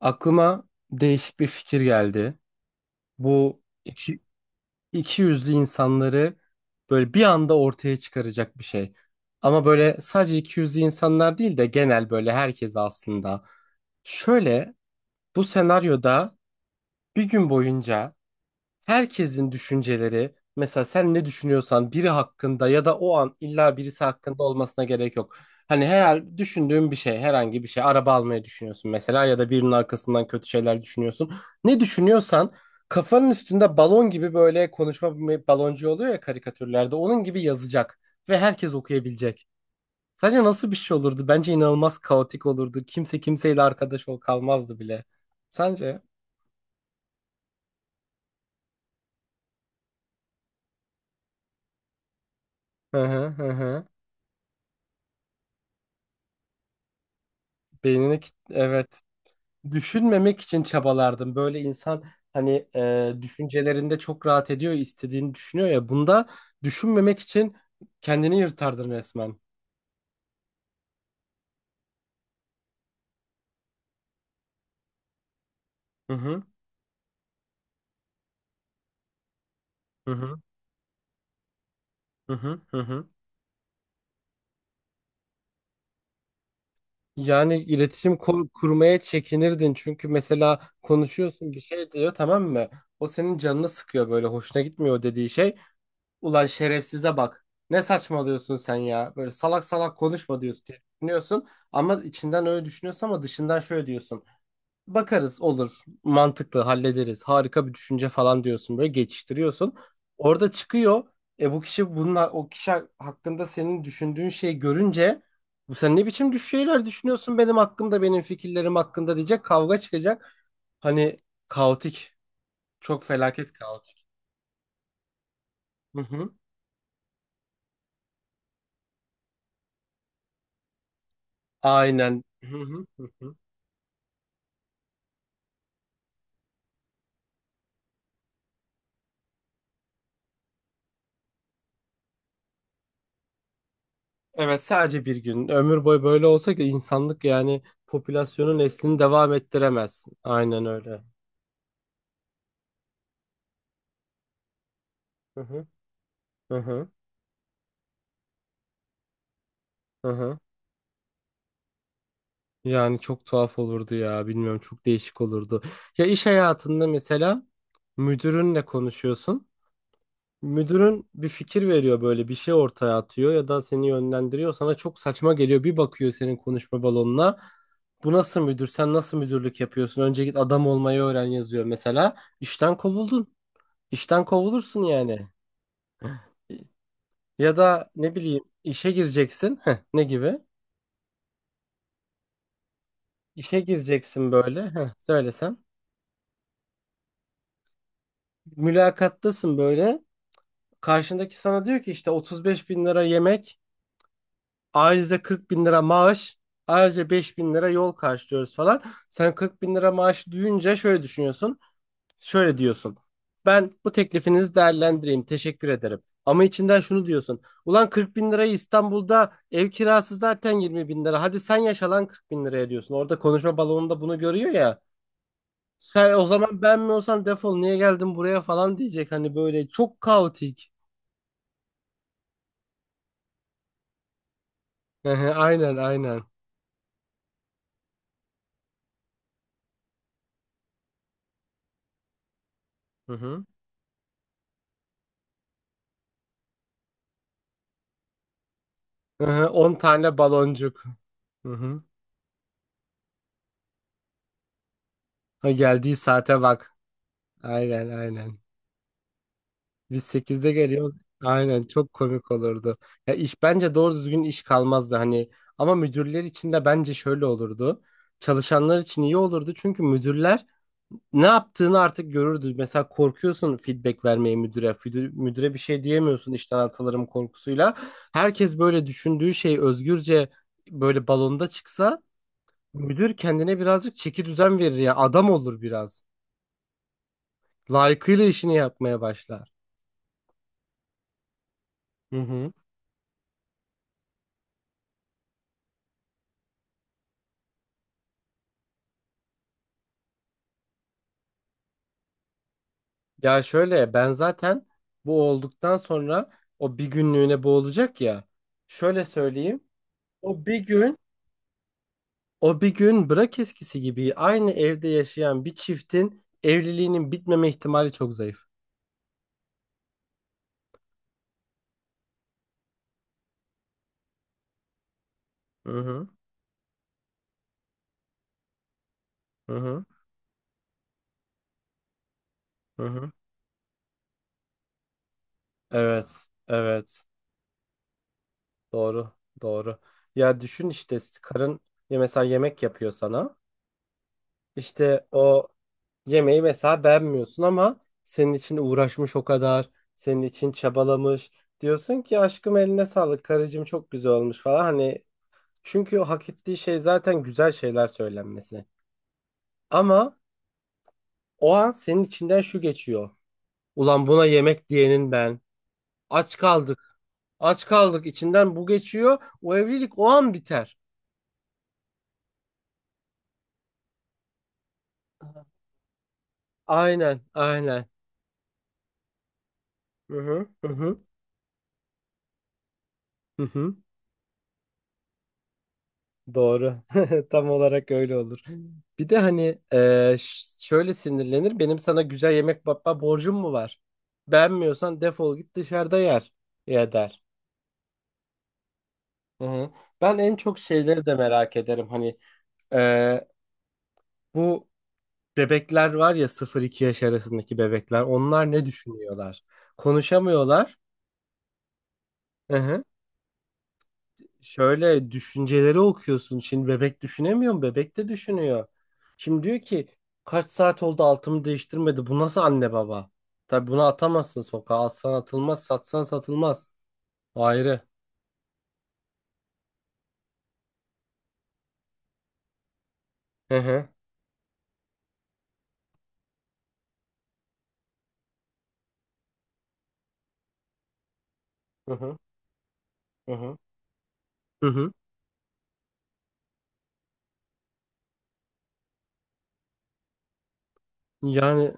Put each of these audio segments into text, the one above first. Aklıma değişik bir fikir geldi. Bu iki yüzlü insanları böyle bir anda ortaya çıkaracak bir şey. Ama böyle sadece iki yüzlü insanlar değil de genel böyle herkes aslında. Şöyle bu senaryoda bir gün boyunca herkesin düşünceleri, mesela sen ne düşünüyorsan biri hakkında, ya da o an illa birisi hakkında olmasına gerek yok. Hani herhal düşündüğün bir şey, herhangi bir şey, araba almayı düşünüyorsun mesela ya da birinin arkasından kötü şeyler düşünüyorsun. Ne düşünüyorsan kafanın üstünde balon gibi, böyle konuşma baloncu oluyor ya karikatürlerde, onun gibi yazacak ve herkes okuyabilecek. Sence nasıl bir şey olurdu? Bence inanılmaz kaotik olurdu. Kimse kimseyle arkadaş ol kalmazdı bile. Sence? Hı hı hı, hı. Evet. Düşünmemek için çabalardım. Böyle insan hani düşüncelerinde çok rahat ediyor, istediğini düşünüyor ya. Bunda düşünmemek için kendini yırtardın resmen. Hı hı, hı hı, hı hı, hı hı. Yani iletişim kurmaya çekinirdin. Çünkü mesela konuşuyorsun, bir şey diyor, tamam mı? O senin canını sıkıyor, böyle hoşuna gitmiyor o dediği şey. Ulan şerefsize bak. Ne saçmalıyorsun sen ya? Böyle salak salak konuşma diyorsun, diye düşünüyorsun. Ama içinden öyle düşünüyorsun ama dışından şöyle diyorsun. Bakarız olur. Mantıklı hallederiz. Harika bir düşünce falan diyorsun, böyle geçiştiriyorsun. Orada çıkıyor. E bu kişi bununla o kişi hakkında senin düşündüğün şeyi görünce, bu sen ne biçim şeyler düşünüyorsun benim hakkımda, benim fikirlerim hakkında diyecek, kavga çıkacak. Hani kaotik. Çok felaket kaotik. Hı hı. Aynen. Hı hı hı hı. Evet, sadece bir gün. Ömür boyu böyle olsa ki insanlık yani popülasyonun neslini devam ettiremez. Aynen öyle. Hı hı. Hı hı. Hı hı. Yani çok tuhaf olurdu ya. Bilmiyorum, çok değişik olurdu. Ya iş hayatında mesela müdürünle konuşuyorsun. Müdürün bir fikir veriyor, böyle bir şey ortaya atıyor ya da seni yönlendiriyor. Sana çok saçma geliyor. Bir bakıyor senin konuşma balonuna. Bu nasıl müdür? Sen nasıl müdürlük yapıyorsun? Önce git adam olmayı öğren yazıyor mesela. İşten kovuldun. İşten kovulursun yani. Ya da ne bileyim, işe gireceksin. Heh, ne gibi? İşe gireceksin böyle. Heh, söylesem. Mülakattasın böyle. Karşındaki sana diyor ki işte 35 bin lira yemek, ayrıca 40 bin lira maaş, ayrıca 5 bin lira yol karşılıyoruz falan. Sen 40 bin lira maaş duyunca şöyle düşünüyorsun, şöyle diyorsun. Ben bu teklifinizi değerlendireyim, teşekkür ederim. Ama içinden şunu diyorsun. Ulan 40 bin lirayı, İstanbul'da ev kirası zaten 20 bin lira. Hadi sen yaşa lan 40 bin liraya diyorsun. Orada konuşma balonunda bunu görüyor ya. Sen o zaman ben mi olsam, defol niye geldin buraya falan diyecek. Hani böyle çok kaotik. Aynen, aynen. Hı hı. Hı hı, 10 tane baloncuk. Hı hı. Ha, geldiği saate bak. Aynen, aynen. Biz 8'de geliyoruz. Aynen, çok komik olurdu. Ya iş bence doğru düzgün iş kalmazdı hani. Ama müdürler için de bence şöyle olurdu. Çalışanlar için iyi olurdu, çünkü müdürler ne yaptığını artık görürdü. Mesela korkuyorsun feedback vermeye müdüre. Müdüre bir şey diyemiyorsun işten atılırım korkusuyla. Herkes böyle düşündüğü şey özgürce böyle balonda çıksa, müdür kendine birazcık çeki düzen verir ya. Adam olur biraz. Layıkıyla işini yapmaya başlar. Hı hı. Ya şöyle, ben zaten bu olduktan sonra, o bir günlüğüne bu olacak ya. Şöyle söyleyeyim. O bir gün, o bir gün bırak eskisi gibi, aynı evde yaşayan bir çiftin evliliğinin bitmeme ihtimali çok zayıf. Hı hı. Hı hı. Hı hı. Evet. Evet. Doğru. Doğru. Ya düşün işte, karın ya mesela yemek yapıyor sana. İşte o yemeği mesela beğenmiyorsun, ama senin için uğraşmış o kadar, senin için çabalamış. Diyorsun ki aşkım eline sağlık, karıcığım çok güzel olmuş falan. Hani çünkü o hak ettiği şey zaten güzel şeyler söylenmesi. Ama o an senin içinden şu geçiyor. Ulan buna yemek diyenin ben. Aç kaldık. Aç kaldık içinden bu geçiyor. O evlilik o an biter. Aynen, aynen. Hı hı, hı hı, hı hı. Doğru. Tam olarak öyle olur. Bir de hani şöyle sinirlenir. Benim sana güzel yemek yapma borcum mu var? Beğenmiyorsan defol git dışarıda yer. Ya der. Hı hı. Ben en çok şeyleri de merak ederim. Hani e, bu bebekler var ya, 0-2 yaş arasındaki bebekler. Onlar ne düşünüyorlar? Konuşamıyorlar. Hı hı. Şöyle düşünceleri okuyorsun. Şimdi bebek düşünemiyor mu? Bebek de düşünüyor. Şimdi diyor ki kaç saat oldu altımı değiştirmedi. Bu nasıl anne baba? Tabii bunu atamazsın sokağa. Alsan atılmaz, satsan satılmaz. Ayrı. Hı hı. Hı hı. Hı hı. Hı hı. Yani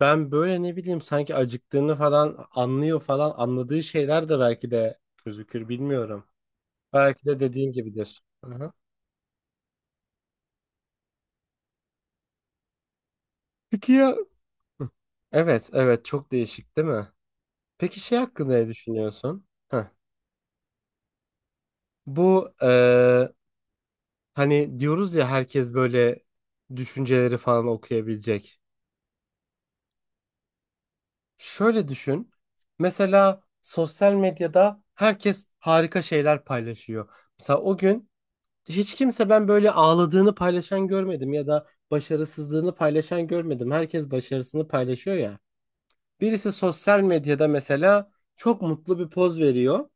ben böyle ne bileyim, sanki acıktığını falan anlıyor falan, anladığı şeyler de belki de gözükür, bilmiyorum. Belki de dediğim gibidir. Hı hı. Peki ya? Hı. Evet, evet, çok değişik değil mi? Peki şey hakkında ne düşünüyorsun? Heh. Bu hani diyoruz ya, herkes böyle düşünceleri falan okuyabilecek. Şöyle düşün. Mesela sosyal medyada herkes harika şeyler paylaşıyor. Mesela o gün hiç kimse, ben böyle ağladığını paylaşan görmedim ya da başarısızlığını paylaşan görmedim. Herkes başarısını paylaşıyor ya. Birisi sosyal medyada mesela çok mutlu bir poz veriyor.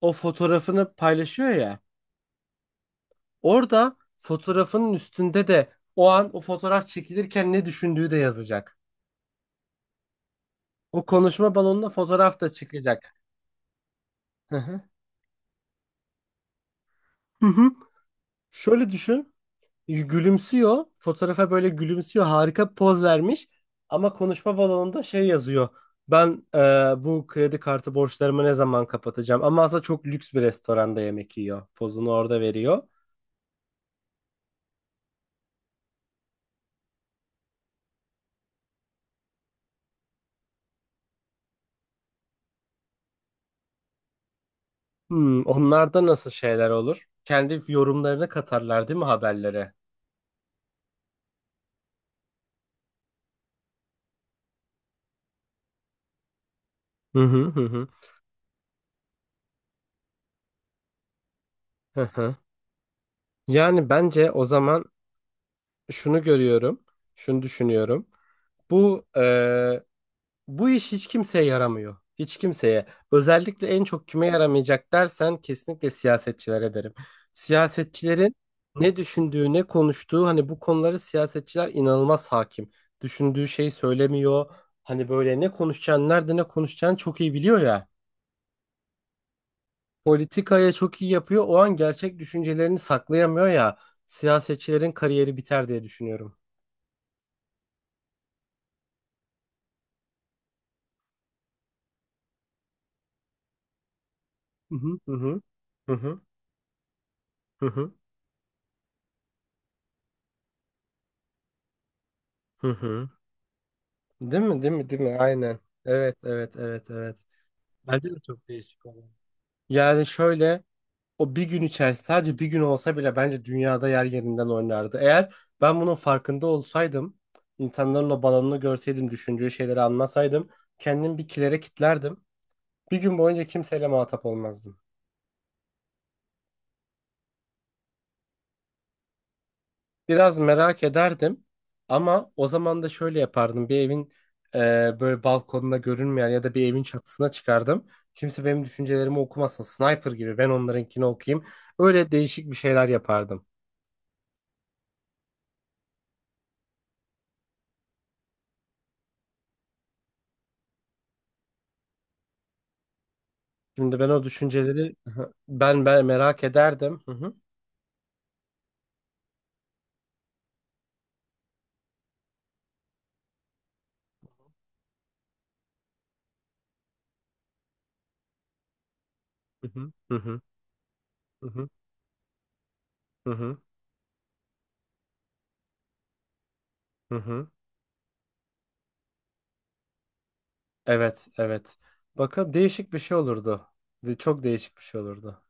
O fotoğrafını paylaşıyor ya. Orada fotoğrafının üstünde de o an o fotoğraf çekilirken ne düşündüğü de yazacak. O konuşma balonuna fotoğraf da çıkacak. Hı hı. Hı hı. Şöyle düşün. Gülümsüyor. Fotoğrafa böyle gülümsüyor. Harika bir poz vermiş. Ama konuşma balonunda şey yazıyor. Ben bu kredi kartı borçlarımı ne zaman kapatacağım? Ama aslında çok lüks bir restoranda yemek yiyor. Pozunu orada veriyor. Hmm, onlarda nasıl şeyler olur? Kendi yorumlarını katarlar değil mi haberlere? Hı hı hı hı. Hı hı. Yani bence o zaman şunu görüyorum, şunu düşünüyorum. Bu bu iş hiç kimseye yaramıyor. Hiç kimseye. Özellikle en çok kime yaramayacak dersen, kesinlikle siyasetçilere derim. Siyasetçilerin ne düşündüğü, ne konuştuğu, hani bu konuları siyasetçiler inanılmaz hakim. Düşündüğü şeyi söylemiyor. Hani böyle ne konuşacağını, nerede ne konuşacağını çok iyi biliyor ya. Politikaya çok iyi yapıyor. O an gerçek düşüncelerini saklayamıyor ya. Siyasetçilerin kariyeri biter diye düşünüyorum. Hı hı hı hı hı hı hı hı, hı hı. Değil mi? Değil mi? Değil mi? Aynen. Evet, evet, evet, evet. Bence de çok değişik oldu. Yani şöyle, o bir gün içerisinde sadece bir gün olsa bile bence dünyada yer yerinden oynardı. Eğer ben bunun farkında olsaydım, insanların o balonunu görseydim, düşündüğü şeyleri anlasaydım, kendim bir kilere kilitlerdim. Bir gün boyunca kimseyle muhatap olmazdım. Biraz merak ederdim, ama o zaman da şöyle yapardım. Bir evin e, böyle balkonuna görünmeyen ya da bir evin çatısına çıkardım. Kimse benim düşüncelerimi okumasın. Sniper gibi ben onlarınkini okuyayım. Öyle değişik bir şeyler yapardım. Şimdi ben o düşünceleri hı, ben merak ederdim. Hı hı, hı hı, hı hı, hı hı, hı hı, hı hı. Evet, evet. Bakın, değişik bir şey olurdu. Çok değişik bir şey olurdu.